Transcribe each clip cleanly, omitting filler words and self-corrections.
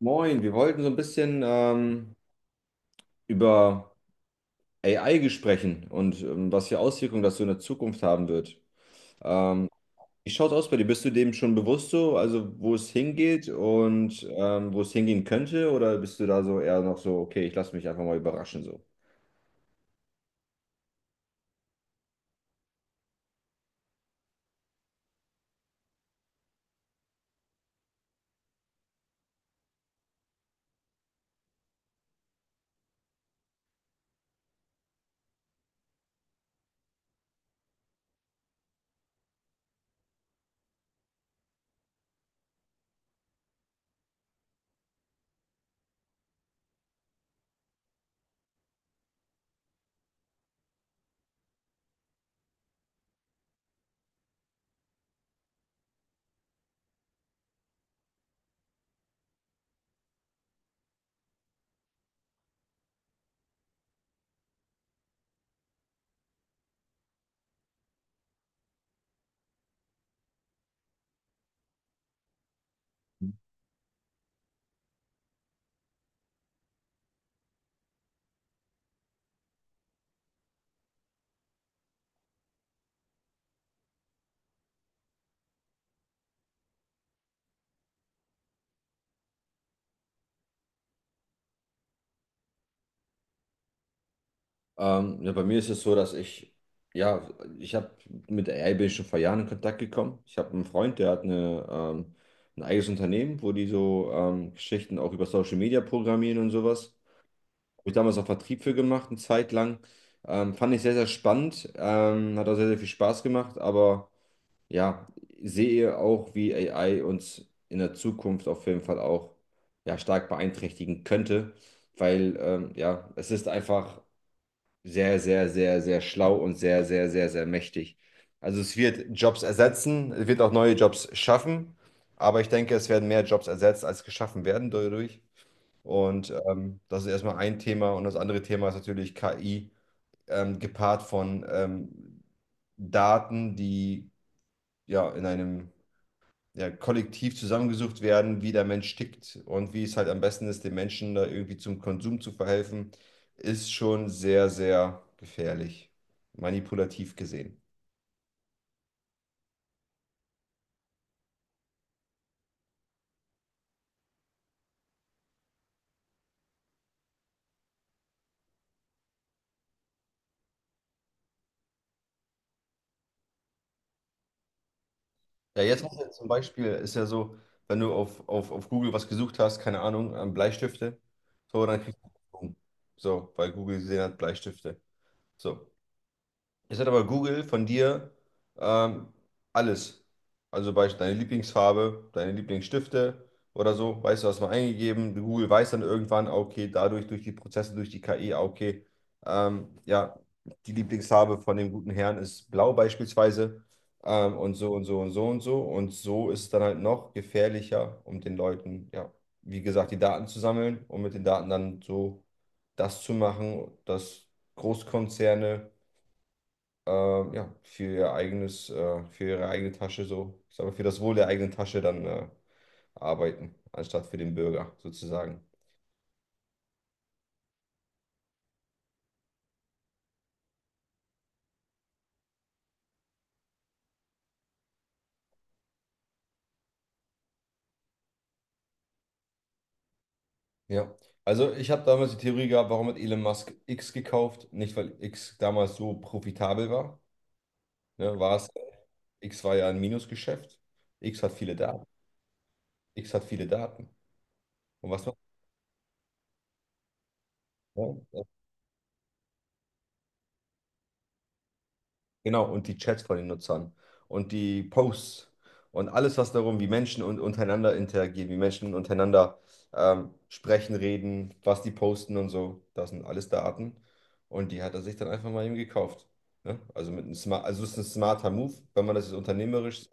Moin, wir wollten so ein bisschen über AI sprechen und was für Auswirkungen das so in der Zukunft haben wird. Ähm, Wie schaut's aus bei dir? Bist du dem schon bewusst so, also wo es hingeht und wo es hingehen könnte? Oder bist du da so eher noch so, okay, ich lasse mich einfach mal überraschen so? Ja, bei mir ist es so, dass ja, ich habe mit AI bin ich schon vor Jahren in Kontakt gekommen. Ich habe einen Freund, der hat ein eigenes Unternehmen, wo die so Geschichten auch über Social Media programmieren und sowas. Habe ich damals auch Vertrieb für gemacht, eine Zeit lang. Fand ich sehr, sehr spannend. Hat auch sehr, sehr viel Spaß gemacht. Aber ja, sehe auch, wie AI uns in der Zukunft auf jeden Fall auch ja, stark beeinträchtigen könnte. Weil ja, es ist einfach sehr, sehr, sehr, sehr schlau und sehr, sehr, sehr, sehr mächtig. Also es wird Jobs ersetzen, es wird auch neue Jobs schaffen. Aber ich denke, es werden mehr Jobs ersetzt, als geschaffen werden dadurch. Und das ist erstmal ein Thema. Und das andere Thema ist natürlich KI, gepaart von Daten, die ja in einem ja, Kollektiv zusammengesucht werden, wie der Mensch tickt und wie es halt am besten ist, den Menschen da irgendwie zum Konsum zu verhelfen, ist schon sehr, sehr gefährlich, manipulativ gesehen. Ja, jetzt hast du zum Beispiel, ist ja so, wenn du auf Google was gesucht hast, keine Ahnung, Bleistifte, so, dann kriegst du, so, weil Google gesehen hat, Bleistifte. So. Jetzt hat aber Google von dir ähm, alles. Also beispielsweise deine Lieblingsfarbe, deine Lieblingsstifte oder so. Weißt du, hast mal eingegeben. Google weiß dann irgendwann, ah, okay, dadurch, durch die Prozesse, durch die KI, okay, ja, die Lieblingsfarbe von dem guten Herrn ist blau beispielsweise. Und so und so und so und so. Und so ist es dann halt noch gefährlicher, um den Leuten, ja, wie gesagt, die Daten zu sammeln und mit den Daten dann so das zu machen, dass Großkonzerne ja, für ihr eigenes, für ihre eigene Tasche so, ich sag mal, für das Wohl der eigenen Tasche dann arbeiten, anstatt für den Bürger sozusagen. Ja, also ich habe damals die Theorie gehabt, warum hat Elon Musk X gekauft? Nicht, weil X damals so profitabel war, ne, war es, X war ja ein Minusgeschäft, X hat viele Daten, X hat viele Daten. Und was macht er? Genau, und die Chats von den Nutzern und die Posts und alles, was darum, wie Menschen und untereinander interagieren, wie Menschen untereinander sprechen, reden, was die posten und so. Das sind alles Daten. Und die hat er sich dann einfach mal eben gekauft. Ne? Also es ist ein smarter Move, wenn man das jetzt unternehmerisch.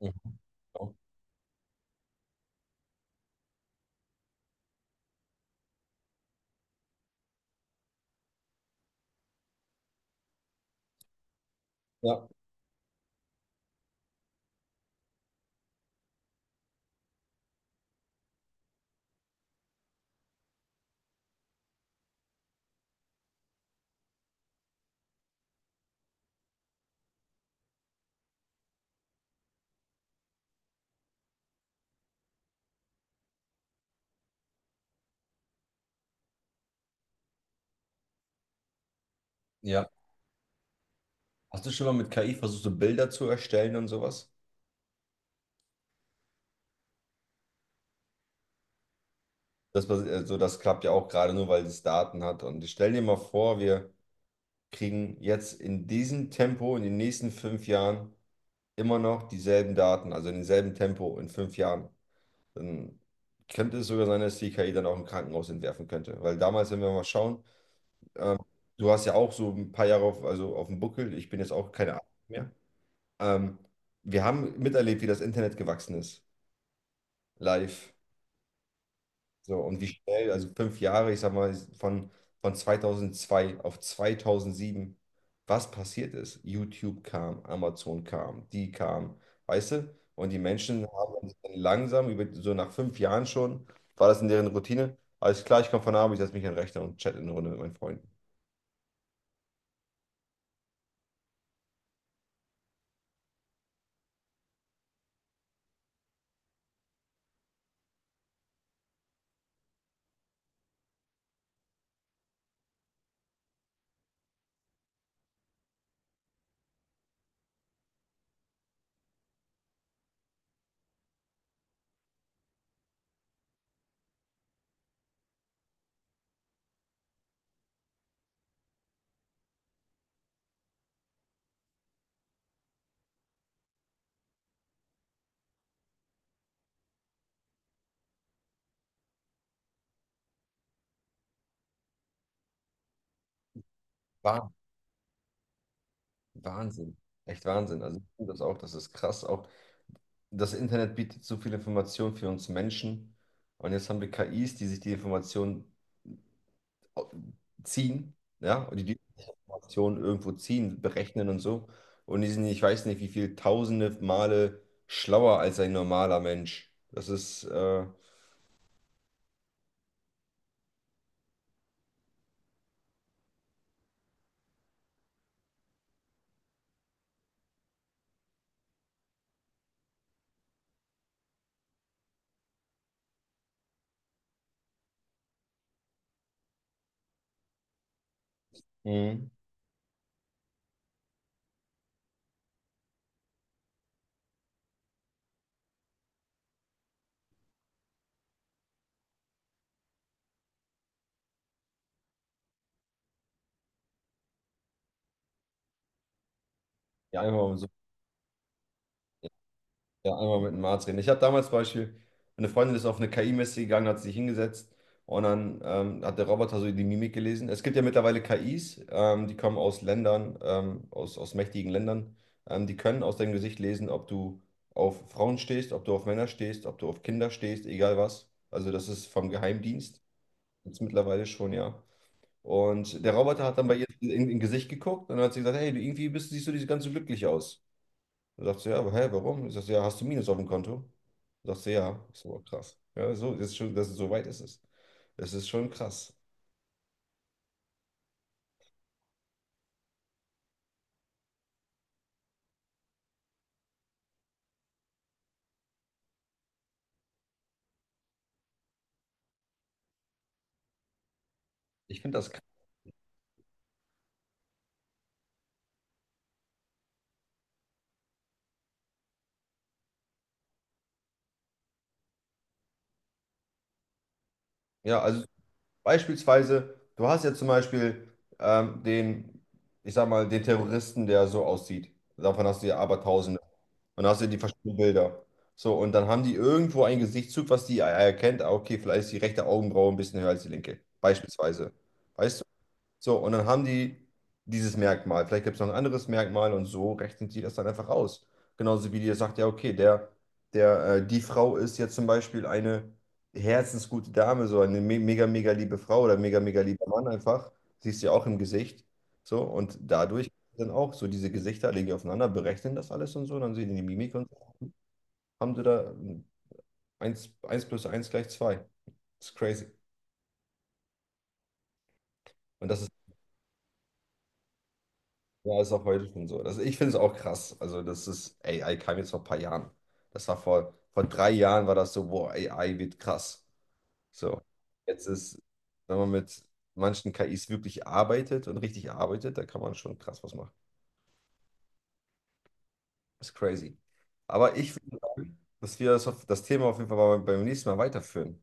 Mhm. Ja, ja. Hast du schon mal mit KI versucht, so Bilder zu erstellen und sowas? Das, also das klappt ja auch gerade nur, weil es Daten hat. Und ich stell dir mal vor, wir kriegen jetzt in diesem Tempo in den nächsten fünf Jahren immer noch dieselben Daten, also in demselben Tempo in fünf Jahren, dann könnte es sogar sein, dass die KI dann auch ein Krankenhaus entwerfen könnte. Weil damals, wenn wir mal schauen, ähm, du hast ja auch so ein paar Jahre auf, also auf dem Buckel, ich bin jetzt auch keine Ahnung mehr. Ähm, Wir haben miterlebt, wie das Internet gewachsen ist, live. So, und wie schnell, also fünf Jahre, ich sag mal, von 2002 auf 2007, was passiert ist. YouTube kam, Amazon kam, die kam, weißt du? Und die Menschen haben sich dann langsam, über, so nach fünf Jahren schon, war das in deren Routine. Alles klar, ich komme von Abend, ich setze mich an den Rechner und chatte eine Runde mit meinen Freunden. Wah- Wahnsinn, echt Wahnsinn. Also ich finde das auch, das ist krass. Auch das Internet bietet so viel Information für uns Menschen. Und jetzt haben wir KIs, die sich die Informationen ziehen, ja, und die Informationen irgendwo ziehen, berechnen und so. Und die sind, ich weiß nicht, wie viel tausende Male schlauer als ein normaler Mensch. Das ist, mhm. Ja, einfach mal so ja, einmal mit einem Arzt reden. Ich hatte damals zum Beispiel, eine Freundin ist auf eine KI-Messe gegangen, hat sich hingesetzt und dann hat der Roboter so die Mimik gelesen. Es gibt ja mittlerweile KIs, die kommen aus Ländern, aus, aus mächtigen Ländern. Die können aus deinem Gesicht lesen, ob du auf Frauen stehst, ob du auf Männer stehst, ob du auf Kinder stehst, egal was. Also das ist vom Geheimdienst, jetzt mittlerweile schon, ja. Und der Roboter hat dann bei ihr in Gesicht geguckt und dann hat sie gesagt, hey, du irgendwie bist, siehst du nicht so ganz so glücklich aus. Dann sagt sie, ja, aber hä, warum? Ich sag, ja, hast du Minus auf dem Konto? Sagt sie, ja. Ich so aber krass. Ja, so, das ist schon, das, so weit ist es. Das ist schon krass. Ich finde das krass. Ja, also beispielsweise, du hast ja zum Beispiel den, ich sag mal, den Terroristen, der so aussieht. Davon hast du ja aber Tausende. Und dann hast du ja die verschiedenen Bilder. So, und dann haben die irgendwo einen Gesichtszug, was die erkennt. Ah, okay, vielleicht ist die rechte Augenbraue ein bisschen höher als die linke. Beispielsweise. Weißt du? So, und dann haben die dieses Merkmal. Vielleicht gibt es noch ein anderes Merkmal und so rechnen die das dann einfach aus. Genauso wie die sagt, ja, okay, die Frau ist jetzt zum Beispiel eine herzensgute Dame, so eine me mega, mega liebe Frau oder mega, mega lieber Mann einfach. Siehst du ja auch im Gesicht. So, und dadurch dann auch so diese Gesichter legen die aufeinander, berechnen das alles und so, dann sehen die die Mimik und haben sie da eins plus eins gleich zwei. Das ist crazy. Und das ist ja, ist auch heute schon so. Das, ich finde es auch krass. Also, das ist, AI kam jetzt vor ein paar Jahren. Das war vor drei Jahren war das so, boah, AI wird krass. So. Jetzt ist, wenn man mit manchen KIs wirklich arbeitet und richtig arbeitet, da kann man schon krass was machen. Ist crazy. Aber ich würde sagen, dass wir das, auf, das Thema auf jeden Fall mal beim nächsten Mal weiterführen.